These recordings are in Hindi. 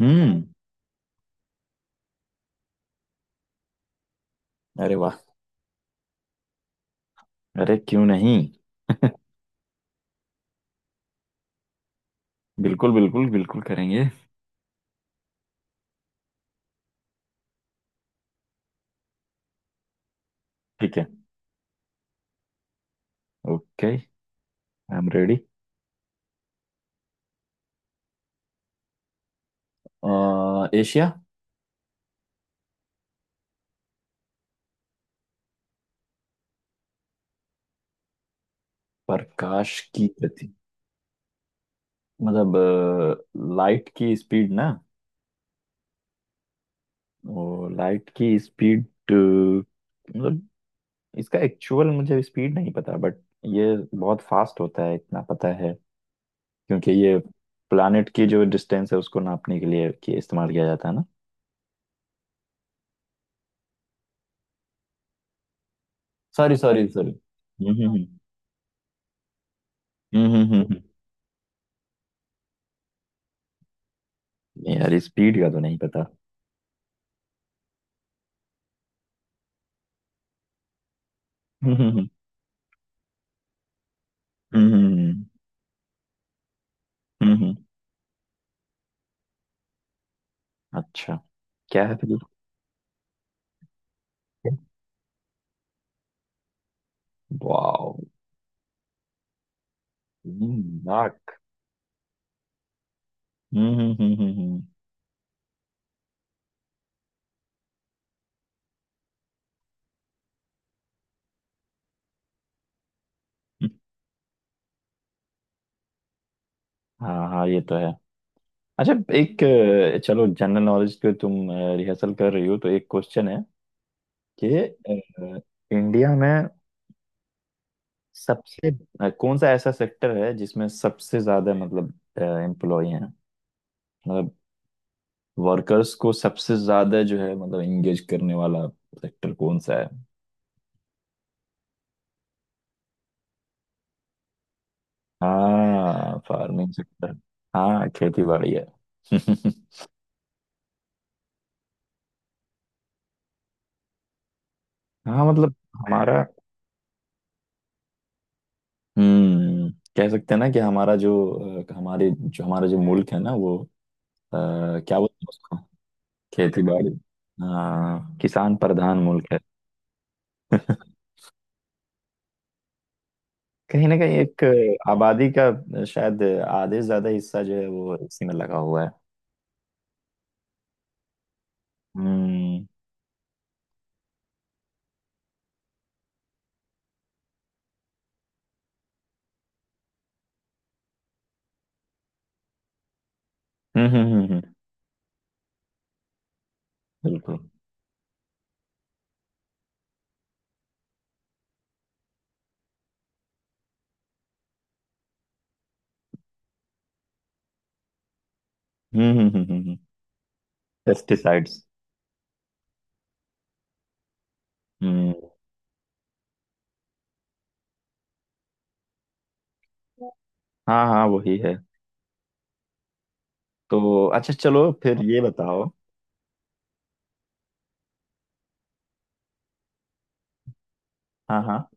हम्म। अरे वाह। अरे क्यों नहीं। बिल्कुल, बिल्कुल, बिल्कुल करेंगे। ठीक है। Okay, I am ready. एशिया। प्रकाश की गति मतलब लाइट की स्पीड ना। वो लाइट की स्पीड, मतलब इसका एक्चुअल मुझे स्पीड नहीं पता, बट ये बहुत फास्ट होता है इतना पता है। क्योंकि ये प्लानिट की जो डिस्टेंस है उसको नापने के लिए कि इस्तेमाल किया जाता है ना। Sorry, sorry, sorry. हम्म, हम्म, हम्म, हम्म, नहीं यार, स्पीड का तो नहीं पता। हम्म, हम्म, हम्म। अच्छा। क्या है फिर? वाओ। नाक। हम्म, हम्म, हम्म। हाँ, हाँ, ये तो है। अच्छा, एक चलो जनरल नॉलेज पे तुम रिहर्सल कर रही हो तो एक क्वेश्चन है कि इंडिया में सबसे कौन सा ऐसा सेक्टर है जिसमें सबसे ज्यादा, मतलब, एम्प्लॉय हैं? मतलब वर्कर्स को सबसे ज्यादा जो है मतलब एंगेज करने वाला सेक्टर कौन सा है? हाँ, फार्मिंग सेक्टर। हाँ, खेती बाड़ी है। हाँ, मतलब हमारा। हम्म। कह सकते हैं ना कि हमारा जो मुल्क है ना, वो अ, क्या बोलते हैं उसको? खेती बाड़ी। हाँ, किसान प्रधान मुल्क है। कहीं ना कहीं एक आबादी का, शायद आधे से ज्यादा हिस्सा जो है वो इसी में लगा हुआ है। हम्म, हम्म, हम्म, हम्म, हम्म। बिल्कुल। हम्म, हम्म, हम्म, पेस्टिसाइड्स। हम्म, pesticides, हम्म। हाँ, हाँ, वही है। तो अच्छा, चलो फिर ये बताओ। हाँ, हाँ,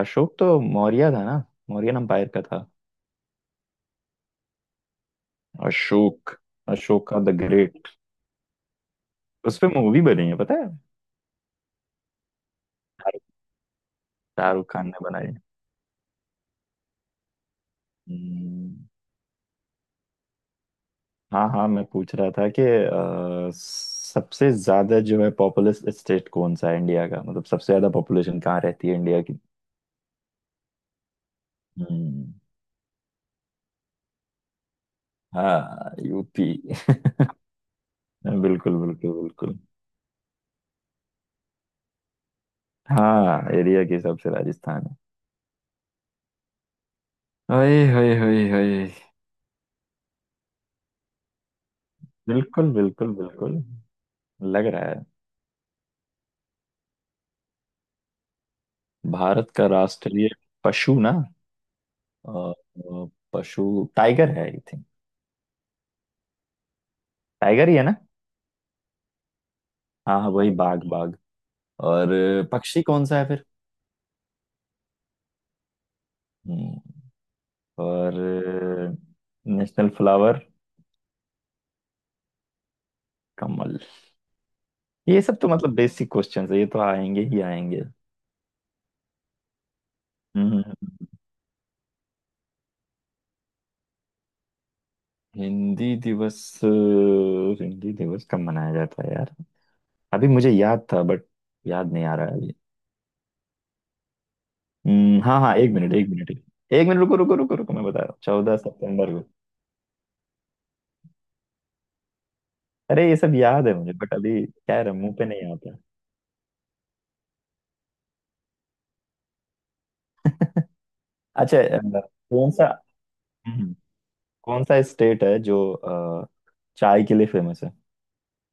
अशोक तो मौर्य था ना, मौर्यन एम्पायर का था। अशोक। Ashoka the great. उस पे मूवी बनी है, पता है। शाहरुख शाहरुख खान ने बनाई है। हम्म। हाँ, हाँ, मैं पूछ रहा था कि सबसे ज्यादा जो है पॉपुलस स्टेट कौन सा है इंडिया का? मतलब सबसे ज्यादा पॉपुलेशन कहाँ रहती है इंडिया की? हम्म। हाँ, यूपी। बिल्कुल, बिल्कुल, बिल्कुल। हाँ, एरिया के हिसाब से राजस्थान है। ओए होए, होए, होए। बिल्कुल, बिल्कुल, बिल्कुल। लग रहा है। भारत का राष्ट्रीय पशु ना। अ, अ, पशु। टाइगर है, आई थिंक। टाइगर ही है ना? हाँ, हाँ, वही, बाघ बाघ। और पक्षी कौन सा है फिर? हम्म। और नेशनल फ्लावर? कमल। ये सब तो मतलब बेसिक क्वेश्चंस है, ये तो आएंगे ही आएंगे। हम्म, हिंदी दिवस अ, हिंदी दिवस कब मनाया जाता है यार? अभी मुझे याद था, बट याद नहीं आ रहा है अभी। हाँ, हाँ, एक मिनट, एक मिनट। एक मिनट, रुको, रुको, रुको, रुको, मैं बता रहा हूँ, 14 सितंबर को। अरे, ये सब याद है मुझे, बट अभी क्या है मुंह पे नहीं आता। अच्छा कौन सा? हम्म। कौन सा स्टेट है जो चाय के लिए फेमस है?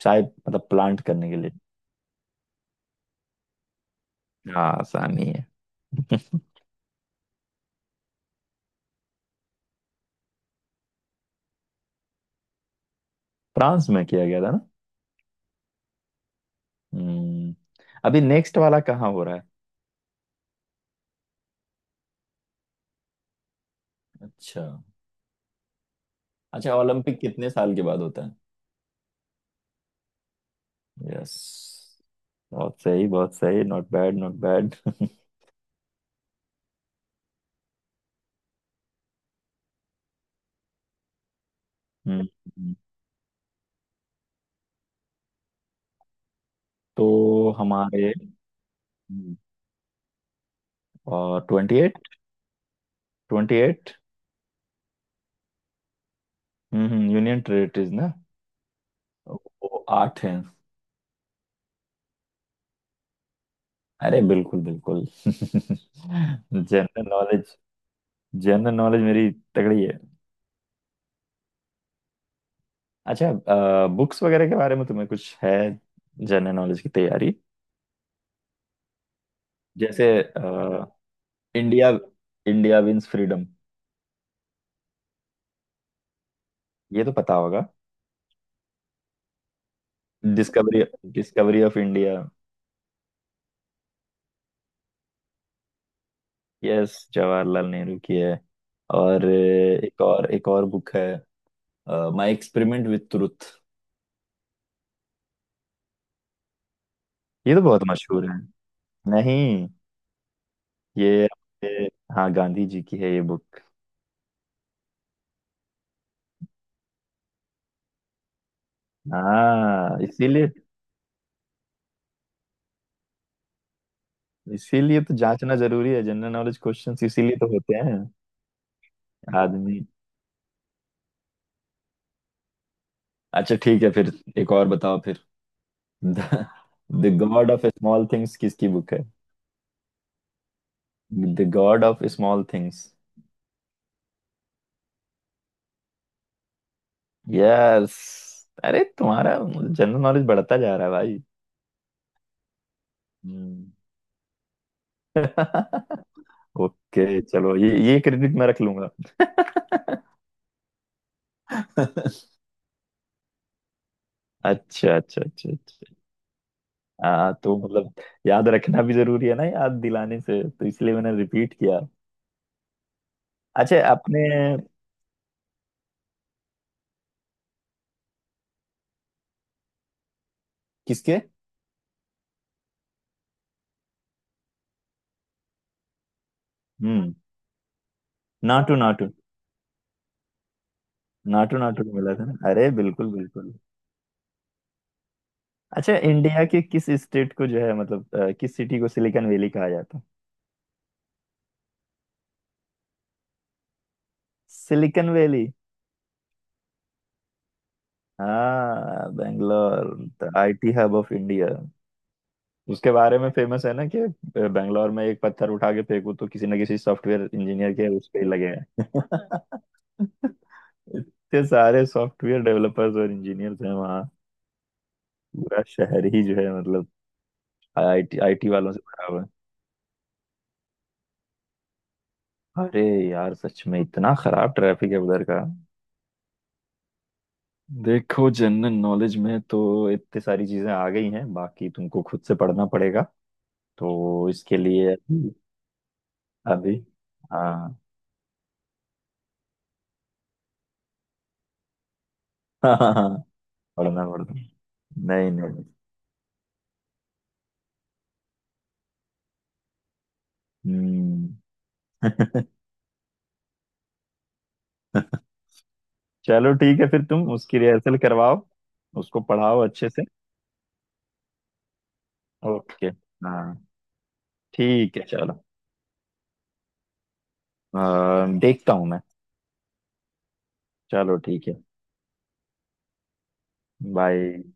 चाय मतलब प्लांट करने के लिए। हाँ, आसानी है। फ्रांस में किया गया था ना। हम्म। अभी नेक्स्ट वाला कहाँ हो रहा है? अच्छा। अच्छा, ओलंपिक कितने साल के बाद होता है? यस। बहुत सही, बहुत सही, नॉट बैड, नॉट बैड। हम्म। तो हमारे ट्वेंटी एट, 28। हम्म, यूनियन टेरिटरीज ना। वो आठ हैं। अरे, बिल्कुल, बिल्कुल। General knowledge. जनरल नॉलेज मेरी तगड़ी है। अच्छा, बुक्स वगैरह के बारे में तुम्हें कुछ है? जनरल नॉलेज की तैयारी। जैसे इंडिया इंडिया विंस फ्रीडम। ये तो पता होगा। Discovery discovery of India. Yes, Jawaharlal Nehru की है। और एक और बुक है, माय एक्सपेरिमेंट विथ ट्रुथ। ये तो बहुत मशहूर है। नहीं। ये ये- हाँ, गांधी जी की है ये बुक। हाँ, इसीलिए। इसीलिए तो जांचना जरूरी है, जनरल नॉलेज क्वेश्चंस इसीलिए तो होते हैं। आदमी। अच्छा, ठीक है फिर, एक और बताओ फिर। The god of small things किसकी बुक है? The god of small things. Yes. अरे, तुम्हारा जनरल नॉलेज बढ़ता जा रहा है भाई। हम्म। ओके चलो, ये क्रेडिट मैं रख लूंगा। अच्छा, अच्छा, अच्छा, अच्छा। हाँ, तो मतलब, याद रखना भी जरूरी है ना याद दिलाने से तो, इसलिए मैंने रिपीट किया। अच्छा, आपने? किसके? हम्म। नाटू नाटू। नाटू नाटू को मिला था ना, अरे बिल्कुल, बिल्कुल। अच्छा, इंडिया के किस स्टेट को जो है, मतलब, किस सिटी को सिलिकन वैली कहा जाता है? Silicon valley? हाँ, Bangalore. The IT hub of India. उसके बारे में फेमस है ना कि बेंगलोर में एक पत्थर उठा के फेंकू तो किसी ना किसी सॉफ्टवेयर इंजीनियर के उस पे ही लगे हैं। इतने सारे सॉफ्टवेयर डेवलपर्स और इंजीनियर्स हैं वहाँ। पूरा शहर ही जो है, मतलब, आईटी आईटी वालों से भरा हुआ है। अरे यार, सच में इतना खराब ट्रैफिक है उधर का। देखो, जनरल नॉलेज में तो इतनी सारी चीजें आ गई हैं, बाकी तुमको खुद से पढ़ना पड़ेगा। तो इसके लिए अभी। अभी, हाँ। पढ़ना पड़ता, नहीं, नहीं। हम्म। चलो ठीक है, फिर तुम उसकी रिहर्सल करवाओ, उसको पढ़ाओ अच्छे से। ओके। हाँ, ठीक है, चलो। देखता हूँ मैं। चलो ठीक है। बाय।